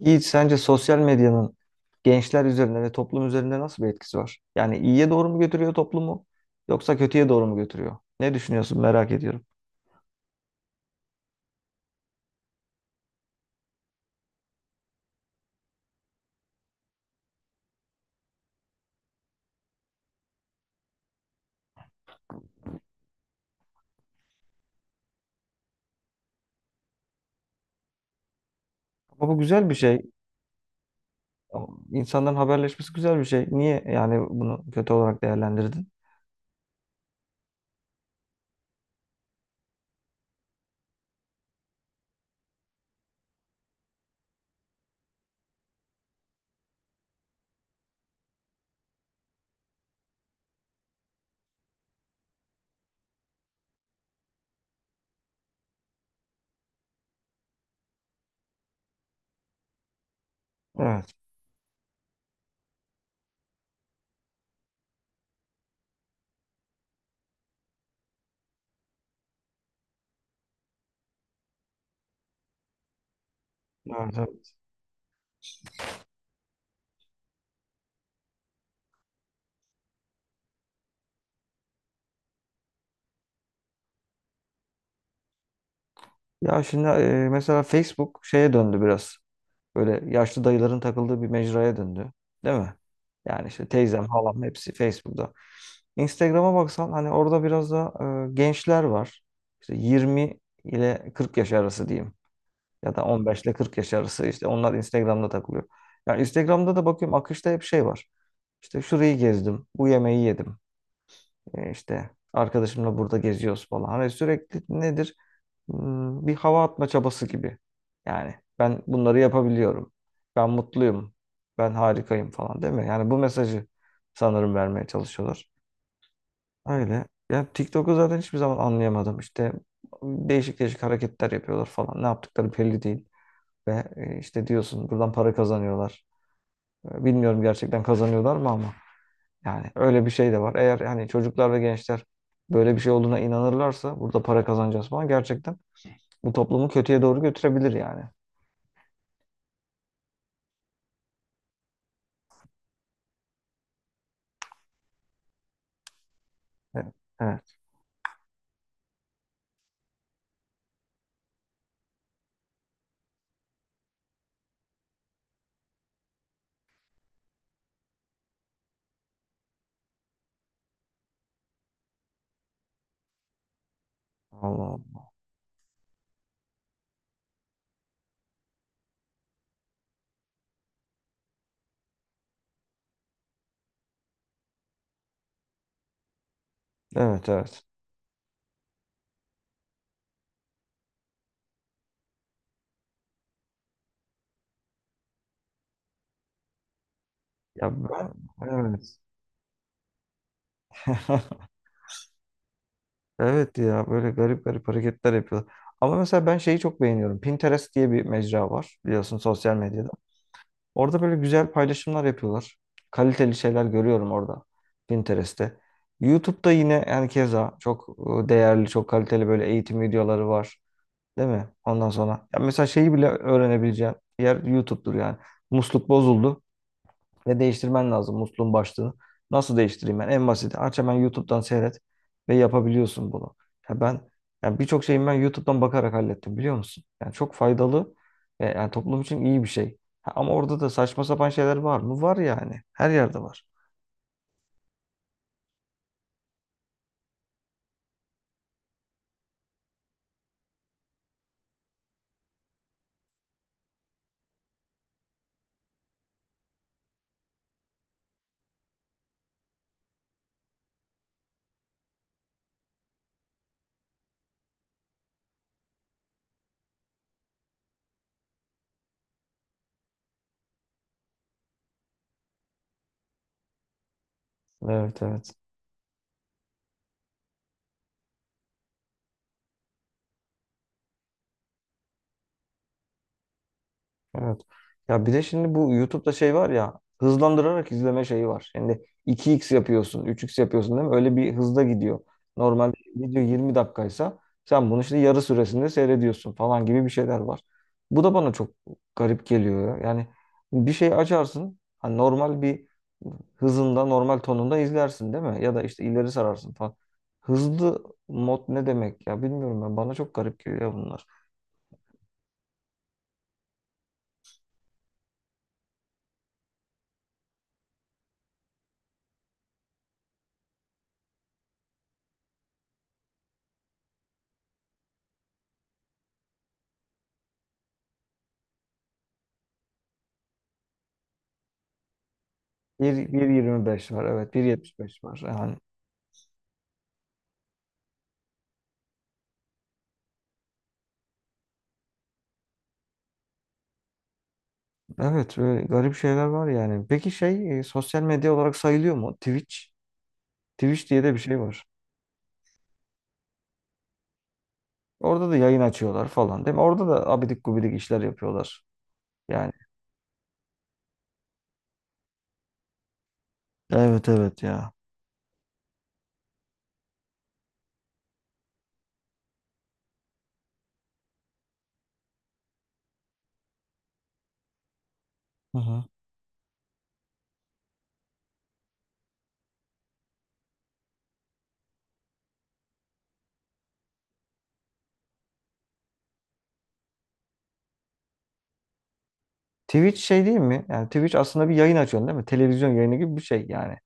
Yiğit, sence sosyal medyanın gençler üzerinde ve toplum üzerinde nasıl bir etkisi var? Yani iyiye doğru mu götürüyor toplumu yoksa kötüye doğru mu götürüyor? Ne düşünüyorsun merak ediyorum. Ama bu güzel bir şey. İnsanların haberleşmesi güzel bir şey. Niye yani bunu kötü olarak değerlendirdin? Evet. Evet, evet. Ya şimdi mesela Facebook şeye döndü biraz. Böyle yaşlı dayıların takıldığı bir mecraya döndü. Değil mi? Yani işte teyzem, halam hepsi Facebook'ta. Instagram'a baksan hani orada biraz da gençler var. İşte 20 ile 40 yaş arası diyeyim. Ya da 15 ile 40 yaş arası işte onlar Instagram'da takılıyor. Yani Instagram'da da bakıyorum akışta hep şey var. İşte şurayı gezdim, bu yemeği yedim. E, işte arkadaşımla burada geziyoruz falan. Hani sürekli nedir? Bir hava atma çabası gibi. Yani ben bunları yapabiliyorum. Ben mutluyum. Ben harikayım falan değil mi? Yani bu mesajı sanırım vermeye çalışıyorlar. Öyle. Ya TikTok'u zaten hiçbir zaman anlayamadım. İşte değişik değişik hareketler yapıyorlar falan. Ne yaptıkları belli değil. Ve işte diyorsun buradan para kazanıyorlar. Bilmiyorum gerçekten kazanıyorlar mı ama. Yani öyle bir şey de var. Eğer hani çocuklar ve gençler böyle bir şey olduğuna inanırlarsa burada para kazanacağız falan gerçekten bu toplumu kötüye doğru götürebilir yani. E, Evet. Allah Allah. Evet evet. Ya ben evet. Evet ya böyle garip garip hareketler yapıyorlar. Ama mesela ben şeyi çok beğeniyorum. Pinterest diye bir mecra var biliyorsun sosyal medyada. Orada böyle güzel paylaşımlar yapıyorlar. Kaliteli şeyler görüyorum orada Pinterest'te. YouTube'da yine yani keza çok değerli, çok kaliteli böyle eğitim videoları var. Değil mi? Ondan sonra ya mesela şeyi bile öğrenebileceğin yer YouTube'dur yani. Musluk bozuldu. Ve değiştirmen lazım musluğun başlığını. Nasıl değiştireyim ben? En basiti. Aç hemen YouTube'dan seyret ve yapabiliyorsun bunu. Ya ben yani birçok şeyimi ben YouTube'dan bakarak hallettim biliyor musun? Yani çok faydalı ve yani toplum için iyi bir şey. Ha, ama orada da saçma sapan şeyler var mı? Var yani. Her yerde var. Evet evet. Evet. Ya bir de şimdi bu YouTube'da şey var ya hızlandırarak izleme şeyi var. Şimdi 2x yapıyorsun, 3x yapıyorsun değil mi? Öyle bir hızda gidiyor. Normalde video 20 dakikaysa sen bunu işte yarı süresinde seyrediyorsun falan gibi bir şeyler var. Bu da bana çok garip geliyor ya. Yani bir şey açarsın, hani normal bir hızında, normal tonunda izlersin değil mi? Ya da işte ileri sararsın falan. Hızlı mod ne demek ya bilmiyorum ben. Bana çok garip geliyor bunlar. 1.25 var evet 1.75 var yani evet öyle garip şeyler var yani peki şey sosyal medya olarak sayılıyor mu Twitch? Twitch diye de bir şey var, orada da yayın açıyorlar falan değil mi? Orada da abidik gubidik işler yapıyorlar yani. Evet evet ya. Hı hı. Twitch şey değil mi, yani Twitch aslında bir yayın açıyorsun değil mi, televizyon yayını gibi bir şey yani.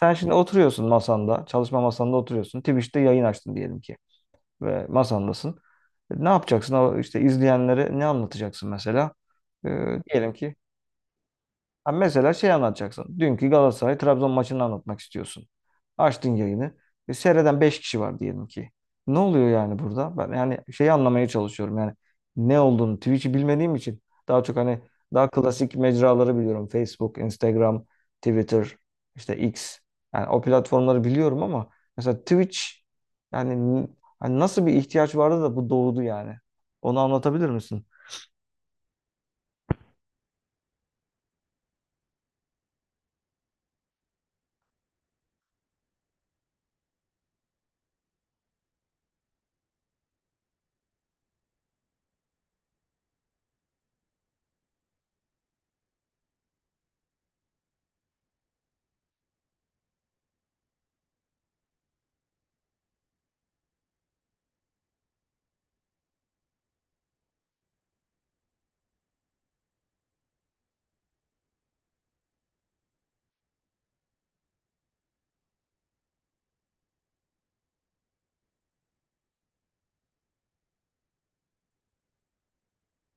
Sen şimdi oturuyorsun masanda, çalışma masanda oturuyorsun, Twitch'te yayın açtın diyelim ki ve masandasın. Ne yapacaksın? O İşte izleyenlere ne anlatacaksın mesela? Ee, diyelim ki, ha mesela şey anlatacaksın. Dünkü Galatasaray Trabzon maçını anlatmak istiyorsun. Açtın yayını. E, seyreden 5 kişi var diyelim ki. Ne oluyor yani burada? Ben yani şeyi anlamaya çalışıyorum. Yani ne olduğunu, Twitch'i bilmediğim için, daha çok hani daha klasik mecraları biliyorum. Facebook, Instagram, Twitter, işte X. Yani o platformları biliyorum ama mesela Twitch, yani n- hani nasıl bir ihtiyaç vardı da bu doğdu yani. Onu anlatabilir misin?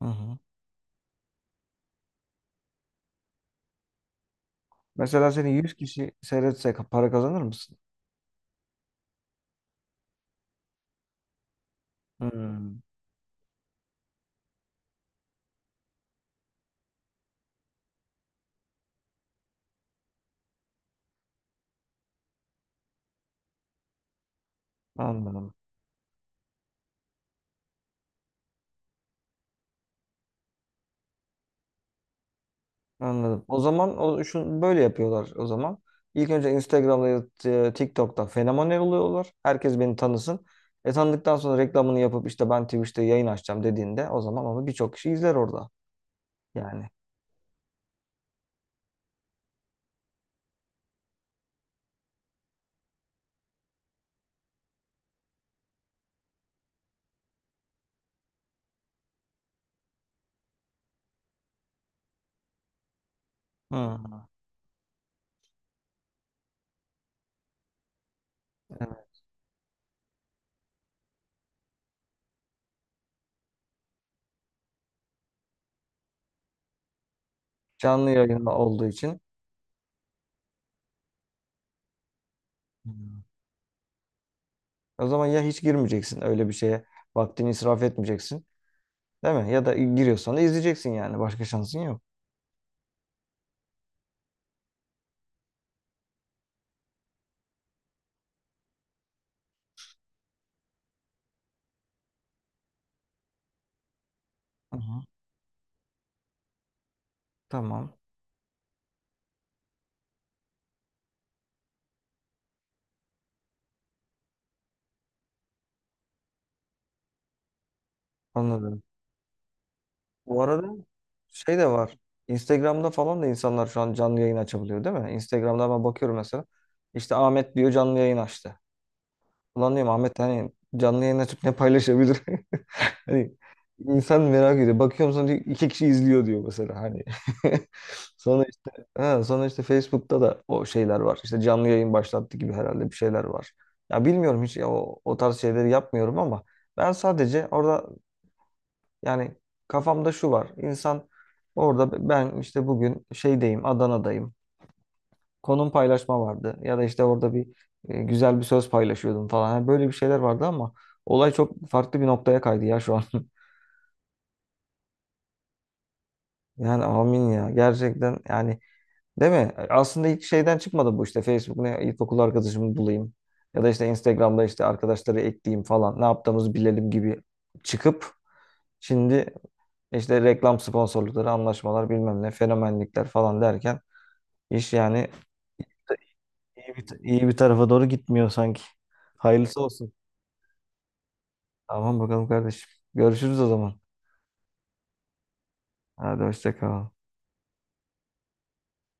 Hı hı. Mesela seni 100 kişi seyretse para kazanır mısın? Hmm, anladım. Anladım. O zaman o şunu böyle yapıyorlar o zaman. İlk önce Instagram'da ya da, TikTok'ta fenomen oluyorlar. Herkes beni tanısın. E tanıdıktan sonra reklamını yapıp işte ben Twitch'te yayın açacağım dediğinde o zaman onu birçok kişi izler orada. Yani. Hmm, evet. Canlı yayında olduğu için. Hmm. O zaman ya hiç girmeyeceksin öyle bir şeye. Vaktini israf etmeyeceksin. Değil mi? Ya da giriyorsan da izleyeceksin yani. Başka şansın yok. Hı hı. Tamam. Anladım. Bu arada şey de var. Instagram'da falan da insanlar şu an canlı yayın açabiliyor değil mi? Instagram'da ben bakıyorum mesela. İşte Ahmet diyor canlı yayın açtı. Ulan diyorum Ahmet hani canlı yayın açıp ne paylaşabilir? Hani insan merak ediyor. Bakıyorum sonra diyor, 2 kişi izliyor diyor mesela hani. Sonra işte ha, sonra işte Facebook'ta da o şeyler var. İşte canlı yayın başlattı gibi herhalde bir şeyler var. Ya bilmiyorum hiç ya o tarz şeyleri yapmıyorum ama ben sadece orada yani kafamda şu var. İnsan orada ben işte bugün şeydeyim, Adana'dayım. Konum paylaşma vardı. Ya da işte orada bir güzel bir söz paylaşıyordum falan. Yani böyle bir şeyler vardı ama olay çok farklı bir noktaya kaydı ya şu an. Yani amin ya. Gerçekten yani değil mi? Aslında ilk şeyden çıkmadı bu işte. Facebook'ta ilkokul arkadaşımı bulayım. Ya da işte Instagram'da işte arkadaşları ekleyeyim falan. Ne yaptığımızı bilelim gibi çıkıp şimdi işte reklam sponsorlukları, anlaşmalar bilmem ne, fenomenlikler falan derken İş yani iyi bir tarafa doğru gitmiyor sanki. Hayırlısı olsun. Tamam bakalım kardeşim. Görüşürüz o zaman. Hadi hoşça kal.